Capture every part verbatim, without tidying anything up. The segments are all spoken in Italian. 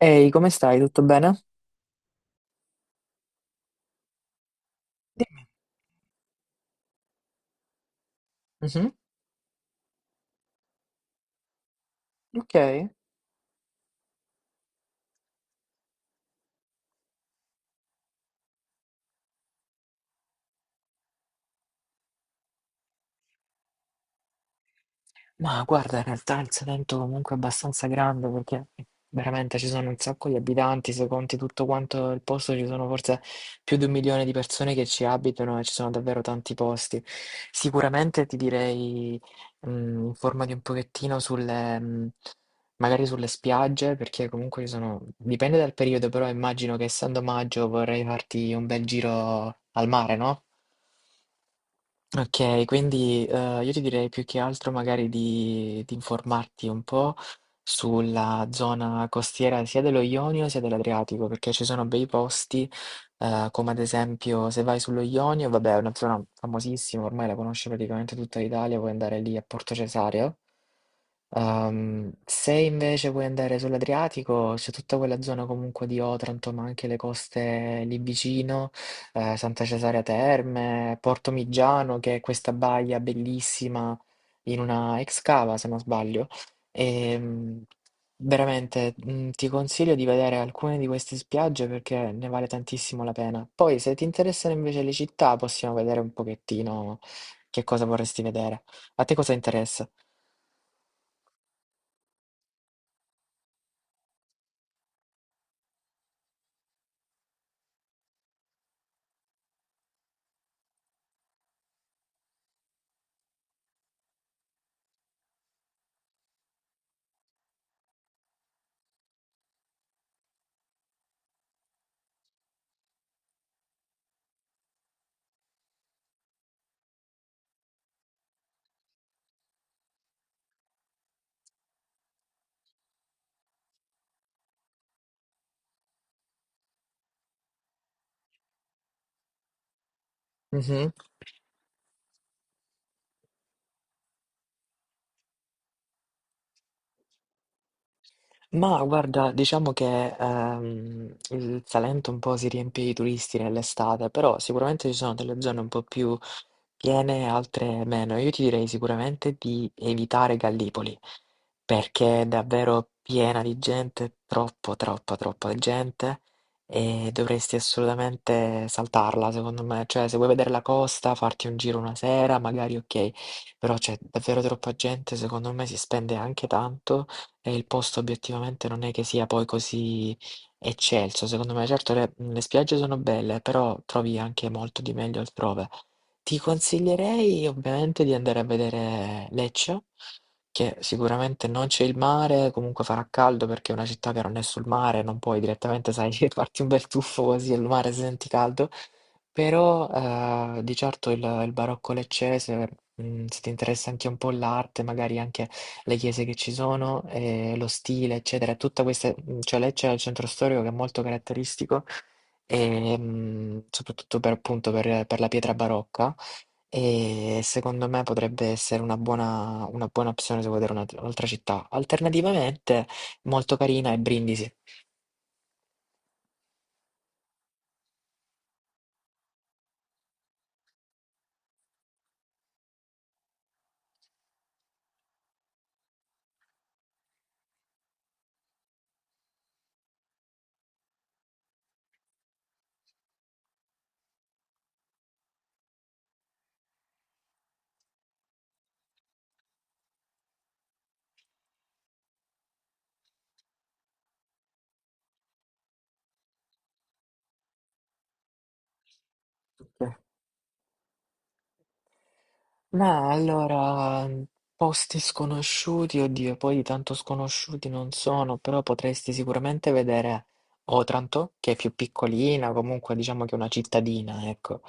Ehi, come stai? Tutto bene? Mhm. Ok. Ma guarda, in realtà il Salento comunque è abbastanza grande perché veramente ci sono un sacco di abitanti, se conti tutto quanto il posto ci sono forse più di un milione di persone che ci abitano e ci sono davvero tanti posti. Sicuramente ti direi, mm, informati un pochettino sulle, mm, magari sulle spiagge perché comunque ci sono, dipende dal periodo, però immagino che essendo maggio vorrei farti un bel giro al mare, no? Okay, quindi, uhm, io ti direi più che altro magari di di informarti un po' sulla zona costiera sia dello Ionio sia dell'Adriatico, perché ci sono bei posti. Uhm, come ad esempio se vai sullo Ionio, vabbè è una zona famosissima, ormai la conosce praticamente tutta l'Italia, puoi andare lì a Porto Cesareo. Ehm, se invece vuoi andare sull'Adriatico, c'è tutta quella zona comunque di Otranto, ma anche le coste lì vicino, eh, Santa Cesarea Terme, Porto Migiano, che è questa baia bellissima in una ex cava, se non sbaglio. Ehm, veramente, mm, ti consiglio di vedere alcune di queste spiagge perché ne vale tantissimo la pena. Poi, se ti interessano invece le città, possiamo vedere un pochettino che cosa vorresti vedere. A te cosa interessa? Mh-mh. Ma guarda, diciamo che, ehm, il Salento un po' si riempie di turisti nell'estate, però sicuramente ci sono delle zone un po' più piene, altre meno. Io ti direi sicuramente di evitare Gallipoli, perché è davvero piena di gente, troppo, troppa, troppa gente, e dovresti assolutamente saltarla, secondo me. Cioè, se vuoi vedere la costa, farti un giro una sera, magari ok, però c'è davvero troppa gente, secondo me si spende anche tanto e il posto obiettivamente non è che sia poi così eccelso, secondo me. Certo, le, le spiagge sono belle, però trovi anche molto di meglio altrove. Ti consiglierei ovviamente di andare a vedere Lecce, che sicuramente non c'è il mare, comunque farà caldo perché è una città che non è sul mare, non puoi direttamente, sai, farti un bel tuffo così al mare se senti caldo, però eh, di certo il, il barocco leccese, mm, se ti interessa anche un po' l'arte, magari anche le chiese che ci sono, eh, lo stile, eccetera, tutta questa, cioè Lecce è il centro storico che è molto caratteristico e, mm, soprattutto per, appunto per, per la pietra barocca. E secondo me potrebbe essere una buona, una buona opzione se vuoi vedere una- un'altra città. Alternativamente, molto carina è Brindisi. Ma allora, mhmm, posti sconosciuti, oddio, poi tanto sconosciuti non sono, però potresti sicuramente vedere Otranto, che è più piccolina, comunque diciamo che è una cittadina, ecco.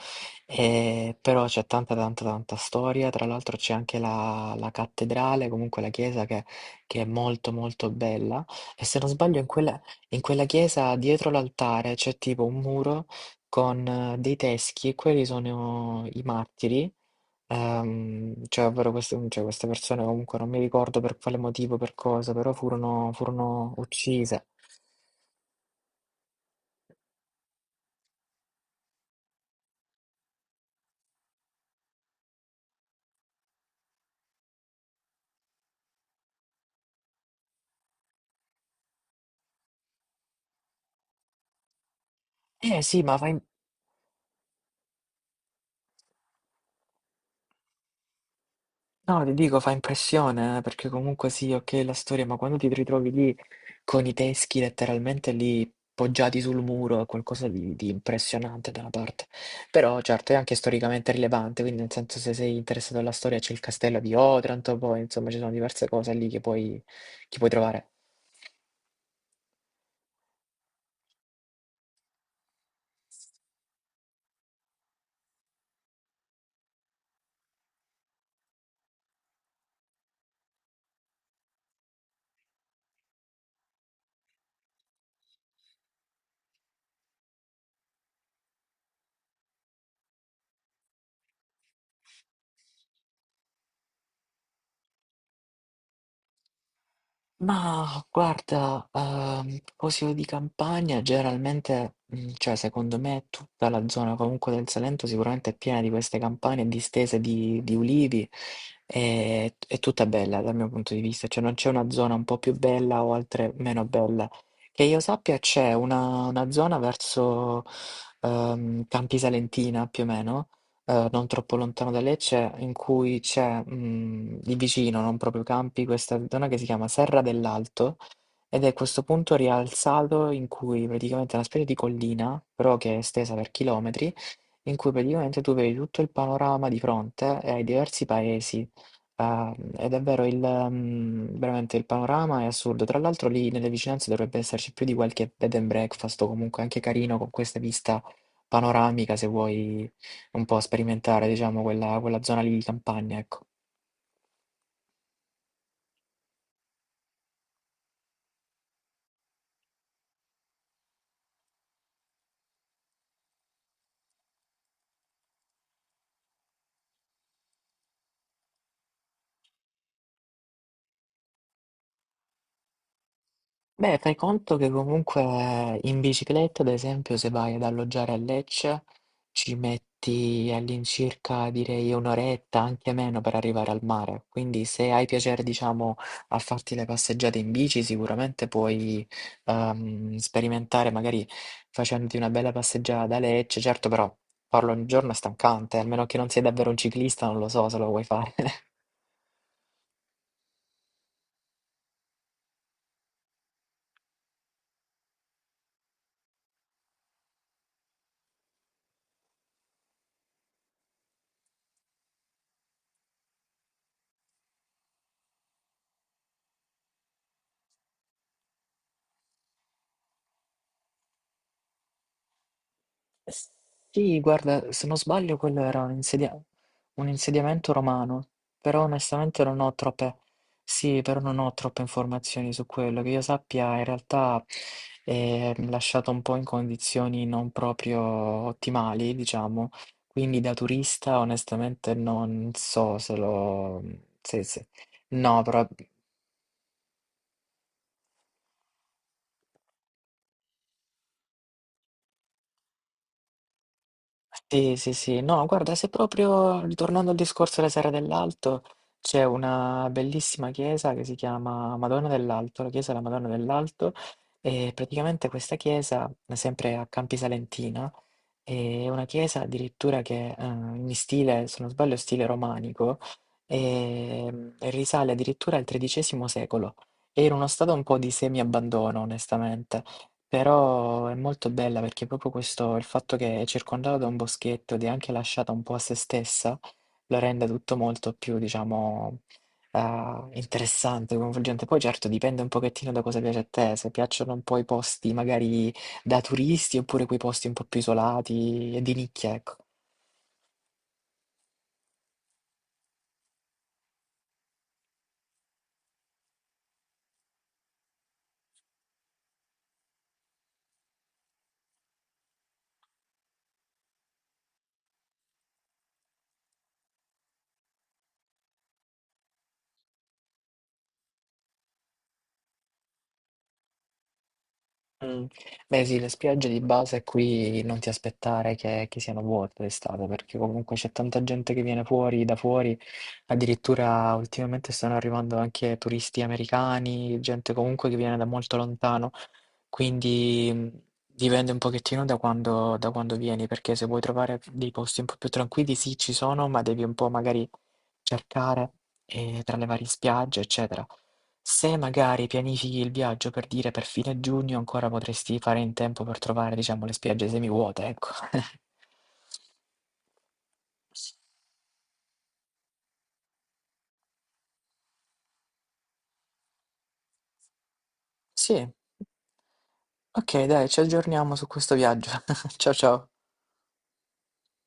E- però c'è tanta, tanta, tanta storia, tra l'altro c'è anche la, la cattedrale, comunque la chiesa che, che è molto, molto bella. E se non sbaglio, in quella, in quella chiesa dietro l'altare c'è tipo un muro con eh, dei teschi, e quelli sono i martiri. Ehm, cioè ovvero queste mhmm, cioè queste persone comunque non mi ricordo per quale motivo, per cosa, però furono furono uccise. Eh sì, ma fa im no, ti dico, fa impressione, eh, perché comunque sì, okay, la storia, ma quando ti ritrovi lì con i teschi letteralmente lì poggiati sul muro, è qualcosa di di impressionante da una parte. Però certo, è anche storicamente rilevante, quindi nel senso se sei interessato alla storia c'è il castello di Otranto, poi insomma ci sono diverse cose lì che puoi che puoi trovare. Ma guarda, ehm, poesie di campagna generalmente, mhmm, cioè secondo me tutta la zona comunque del Salento sicuramente è piena di queste campagne distese di di ulivi, ehm, t è tutta bella dal mio punto di vista, cioè non c'è una zona un po' più bella o altre meno bella. Che io sappia c'è una una zona verso, ehm, Campi Salentina più o meno, ehm, non troppo lontano da Lecce, in cui c'è, mhmm, lì vicino, non proprio Campi, questa zona che si chiama Serra dell'Alto, ed è questo punto rialzato in cui praticamente è una specie di collina, però che è estesa per chilometri, in cui praticamente tu vedi tutto il panorama di fronte e hai diversi paesi. Ah, ed è vero, il, mhmm, veramente il panorama è assurdo. Tra l'altro lì nelle vicinanze dovrebbe esserci più di qualche bed and breakfast o comunque anche carino con questa vista panoramica se vuoi un po' sperimentare, diciamo, quella quella zona lì di campagna, ecco. Beh, fai conto che comunque in bicicletta, ad esempio, se vai ad alloggiare a Lecce, ci metti all'incirca, direi, un'oretta, anche meno, per arrivare al mare. Quindi se hai piacere, diciamo, a farti le passeggiate in bici, sicuramente puoi ehm, sperimentare, magari facendoti una bella passeggiata da Lecce. Certo, però farlo ogni giorno è stancante, almeno che non sei davvero un ciclista, non lo so se lo vuoi fare. Sì, guarda, se non sbaglio quello era un insedia- un insediamento romano, però onestamente non ho troppe, sì, però non ho troppe informazioni su quello. Che io sappia, in realtà è lasciato un po' in condizioni non proprio ottimali, diciamo, quindi da turista onestamente non so se lo... Sì, sì. No, però sì, sì, sì. No, guarda, se proprio ritornando al discorso della Serra dell'Alto, c'è una bellissima chiesa che si chiama Madonna dell'Alto, la chiesa della Madonna dell'Alto, e praticamente questa chiesa, sempre a Campi Salentina, è una chiesa addirittura che, ehm, in stile se non sbaglio stile romanico, ehm, e risale addirittura al tredicesimo secolo. È in uno stato un po' di semi-abbandono onestamente, però è molto bella perché proprio questo il fatto che è circondata da un boschetto ed è anche lasciata un po' a se stessa, lo rende tutto molto più diciamo, ehm, interessante, coinvolgente. Poi certo dipende un pochettino da cosa piace a te, se piacciono un po' i posti magari da turisti oppure quei posti un po' più isolati e di nicchia, ecco. Mm. Beh sì, le spiagge di base qui non ti aspettare che, che siano vuote d'estate, perché comunque c'è tanta gente che viene fuori, da fuori, addirittura ultimamente stanno arrivando anche turisti americani, gente comunque che viene da molto lontano. Quindi mh, dipende un pochettino da quando, da quando vieni, perché se vuoi trovare dei posti un po' più tranquilli, sì, ci sono, ma devi un po' magari cercare eh, tra le varie spiagge, eccetera. Se magari pianifichi il viaggio per dire per fine giugno, ancora potresti fare in tempo per trovare, diciamo, le spiagge semivuote, ecco. Sì, ok, dai, ci aggiorniamo su questo viaggio. Ciao ciao.